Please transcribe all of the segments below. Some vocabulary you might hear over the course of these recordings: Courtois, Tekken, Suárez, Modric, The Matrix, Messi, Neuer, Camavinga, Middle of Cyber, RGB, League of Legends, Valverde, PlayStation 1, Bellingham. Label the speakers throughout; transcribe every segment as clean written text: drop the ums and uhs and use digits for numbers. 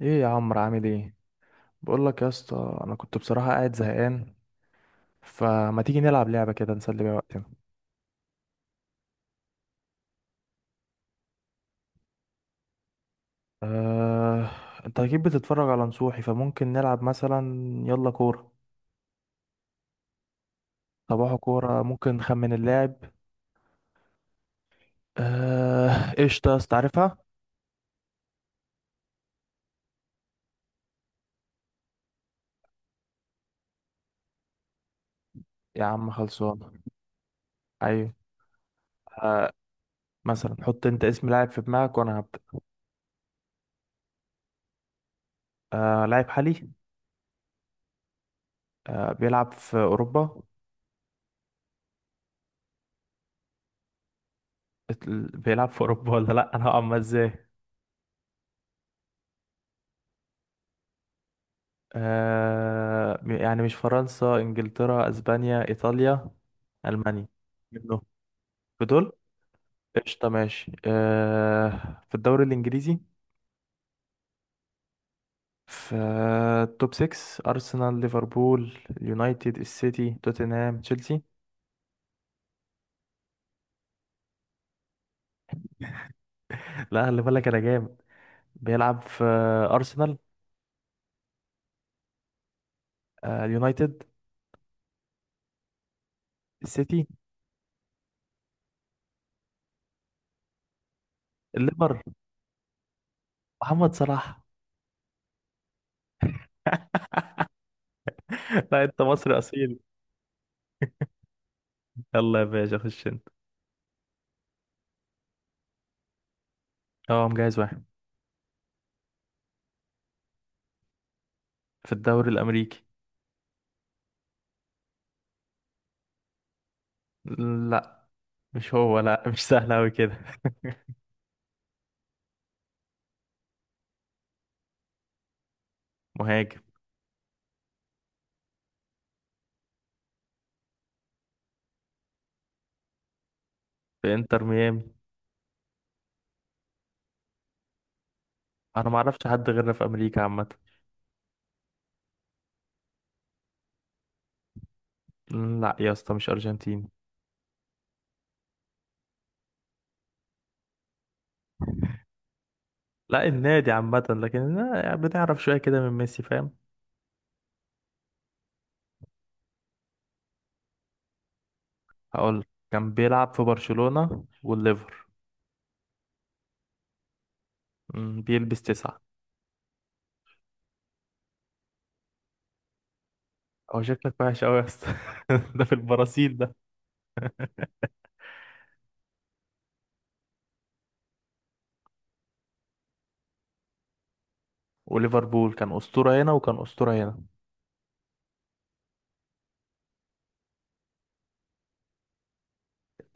Speaker 1: ايه يا عمرو؟ عامل ايه؟ بقول لك يا اسطى، انا كنت بصراحه قاعد زهقان. فما تيجي نلعب لعبه كده نسلي بيها وقتنا؟ آه... انت اكيد بتتفرج على نصوحي، فممكن نلعب مثلا، يلا كوره. صباحو كوره، ممكن نخمن اللاعب. قشطه يا اسطى، عارفها. يا عم خلصانه. ايوه. آه... مثلا حط انت اسم لاعب في دماغك وانا هبدا. لاعب حالي. بيلعب في اوروبا. بيلعب في اوروبا ولا لا، انا هقعد ازاي؟ آه، يعني مش فرنسا، انجلترا، اسبانيا، ايطاليا، المانيا؟ منهم؟ بدول؟ قشطة ماشي، آه في الدوري الانجليزي، في التوب 6: ارسنال، ليفربول، اليونايتد، السيتي، توتنهام، تشيلسي. لا خلي بالك انا جامد. بيلعب في ارسنال. آه، اليونايتد. السيتي. الليفر. محمد صلاح. لا انت مصري اصيل، يلا يا باشا خش انت. اه مجهز واحد. في الدوري الامريكي. لا مش هو، لا مش سهل أوي كده. مهاجم. في انتر ميامي. انا ما اعرفش حد غيرنا في امريكا عامه. لا يا اسطى مش ارجنتيني. لا النادي عامه، لكن لا، يعني بنعرف شويه كده من ميسي، فاهم. هقول لك. كان بيلعب في برشلونه والليفر. بيلبس 9. هو شكلك وحش قوي يا اسطى. ده في البرازيل ده. وليفربول كان اسطوره هنا، وكان اسطوره هنا.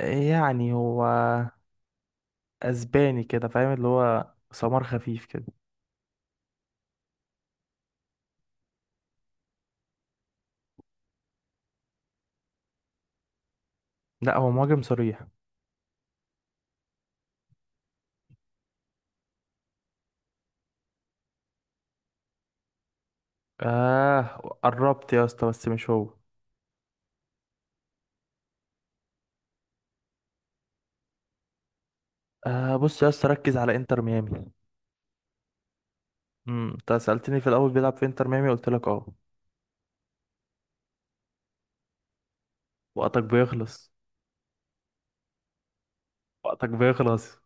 Speaker 1: يعني هو اسباني كده، فاهم، اللي هو سمار خفيف كده. لا هو مهاجم صريح. اه قربت يا اسطى، بس مش هو. آه بص يا اسطى، ركز على انتر ميامي. انت سألتني في الاول بيلعب في انتر ميامي، قلت لك اه. وقتك بيخلص. وقتك بيخلص.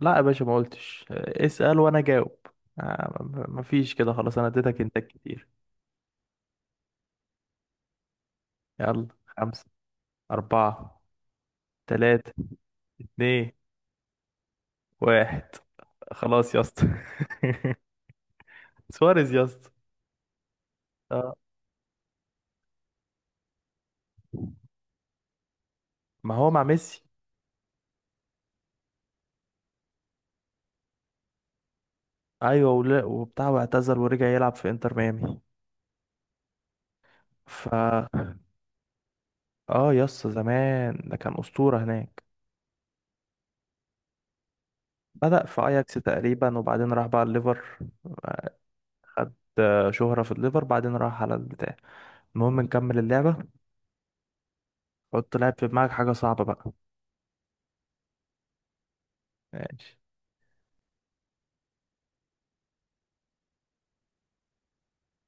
Speaker 1: لا يا باشا ما قلتش، اسأل وانا جاوب. آه م- مفيش كده، خلاص انا اديتك انتك كتير. يلا خمسة، أربعة، تلاتة، اتنين، واحد. خلاص يا اسطى. سواريز يا اسطى. آه، ما هو مع ميسي. ايوه ولا وبتاع، واعتزل ورجع يلعب في انتر ميامي. ف اه يس، زمان ده كان أسطورة هناك. بدأ في اياكس تقريبا وبعدين راح بقى الليفر. خد شهرة في الليفر بعدين راح على البتاع. المهم نكمل اللعبة. حط لاعب في دماغك حاجة صعبة بقى. ماشي.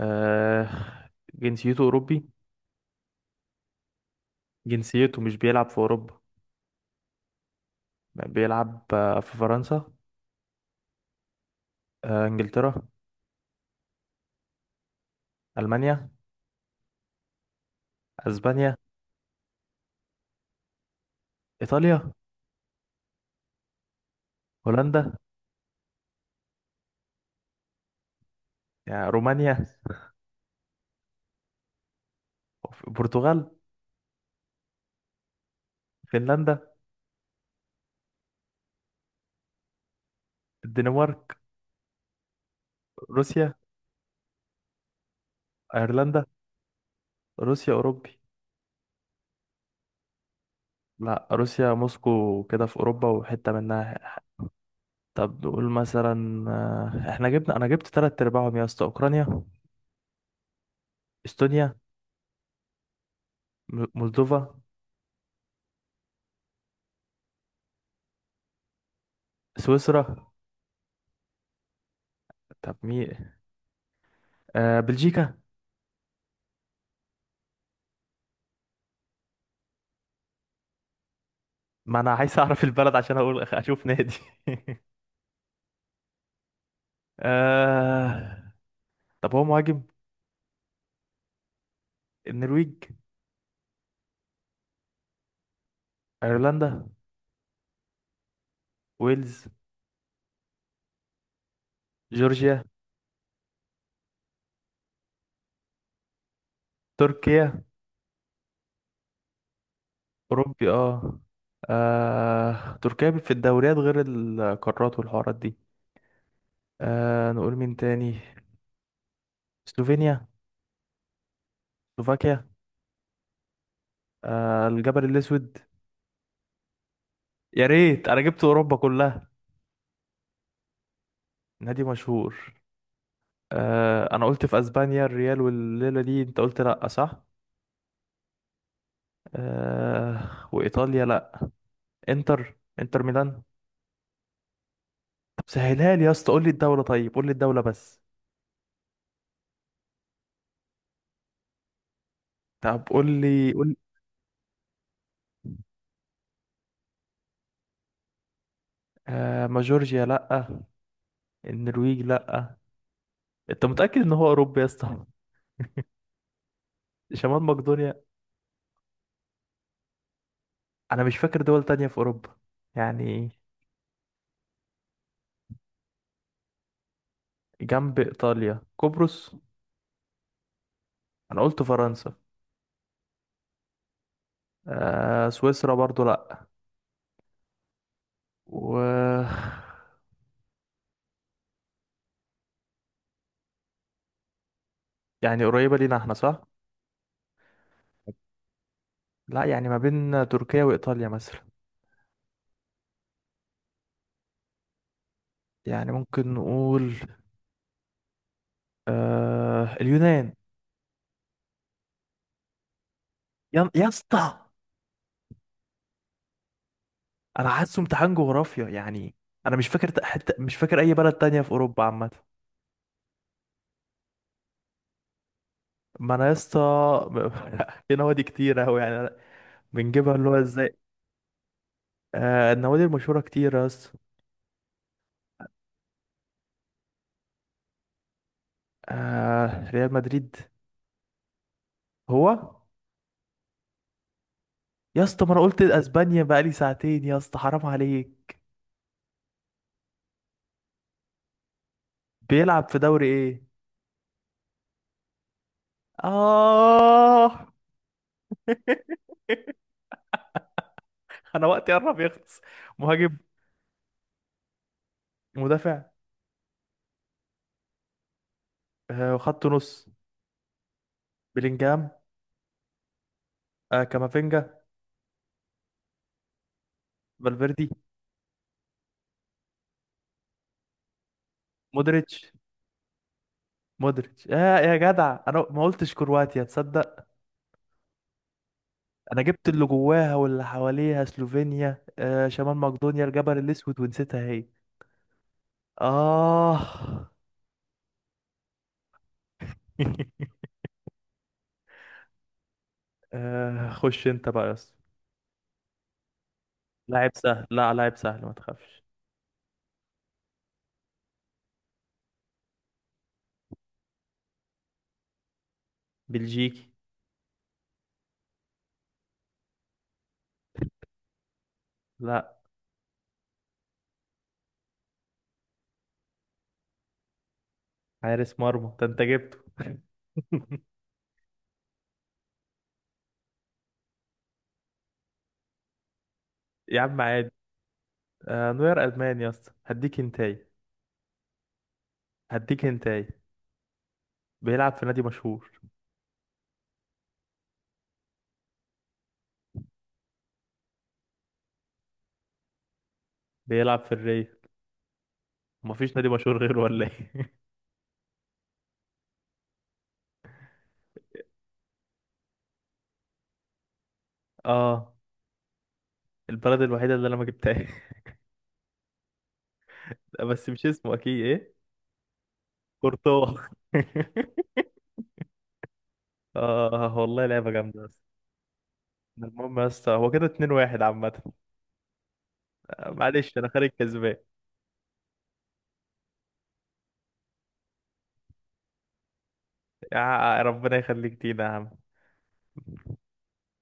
Speaker 1: آه، جنسيته أوروبي. جنسيته مش بيلعب في أوروبا. بيلعب في فرنسا. آه إنجلترا. ألمانيا. أسبانيا. إيطاليا. هولندا. يعني رومانيا. البرتغال. فنلندا. الدنمارك. روسيا. أيرلندا. روسيا أوروبي؟ لا روسيا موسكو كده في اوروبا، وحته منها. طب نقول مثلا، احنا جبنا، انا جبت تلات ارباعهم يا اسطى. اوكرانيا. استونيا. مولدوفا. سويسرا. طب مين؟ آه بلجيكا. ما انا عايز اعرف البلد عشان اقول اشوف نادي. آه، طب هو مهاجم؟ النرويج. ايرلندا. ويلز. جورجيا. تركيا اوروبي اه. آه، تركيا في الدوريات غير القارات والحوارات دي. آه، نقول مين تاني. سلوفينيا. سلوفاكيا. آه الجبل الأسود. يا ريت، أنا جبت أوروبا كلها. نادي مشهور. آه، أنا قلت في أسبانيا الريال والليلة دي أنت قلت لأ، صح؟ آه وإيطاليا لأ. إنتر ميلان. طب سهلها لي يا اسطى، قول لي الدولة، طيب قول لي الدولة بس. طب قول لي، قول لي. آه، ما جورجيا لأ. النرويج لأ. أنت متأكد إن هو أوروبا يا اسطى؟ شمال مقدونيا. أنا مش فاكر دول تانية في أوروبا يعني. جنب إيطاليا؟ قبرص؟ أنا قلت فرنسا. آه، سويسرا برضو لأ. و يعني قريبة لينا احنا، صح؟ لأ يعني ما بين تركيا وإيطاليا مثلا. يعني ممكن نقول، آه اليونان. يا اسطى، أنا حاسه امتحان جغرافيا يعني. أنا مش فاكر، حتى مش فاكر أي بلد تانية في أوروبا عامة. ما أنا يا اسطى، في نوادي كتير أوي يعني أنا بنجيبها، اللي هو إزاي؟ آه، النوادي المشهورة كتير يا اسطى. آه ريال مدريد. هو. يا اسطى، ما انا قلت اسبانيا بقالي ساعتين يا اسطى، حرام عليك. بيلعب في دوري ايه؟ اه. انا وقتي قرب يخلص. مهاجم؟ مدافع؟ آه خط نص. بلينجهام. آه كامافينجا. فالفيردي. مودريتش. مودريتش. آه، يا جدع انا ما قلتش كرواتيا، تصدق. انا جبت اللي جواها واللي حواليها: سلوفينيا، آه شمال مقدونيا، الجبل الاسود، ونسيتها هي. اه. آه، خش انت بقى يا اسطى. لاعب سهل، لا لاعب سهل ما تخافش. بلجيكي. لا، حارس مرمى ده انت جبته. يا عم عادي. آه نوير ألمان يا اسطى، هديك هنتاي. هديك هنتاي. بيلعب في نادي مشهور. بيلعب في الري. مفيش نادي مشهور غيره ولا ايه؟ اه. البلد الوحيدة اللي انا ما جبتهاش. بس مش اسمه اكيد ايه. كورتوا. اه والله لعبة جامدة يا اسطى. المهم يا اسطى هو كده 2-1 عامة. آه، معلش انا خارج كسبان. يا ربنا يخليك لينا يا عم.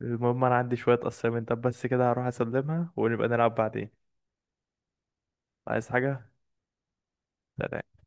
Speaker 1: المهم انا عندي شوية assignment، طب بس كده هروح اسلمها ونبقى نلعب بعدين. عايز حاجة؟ سلام.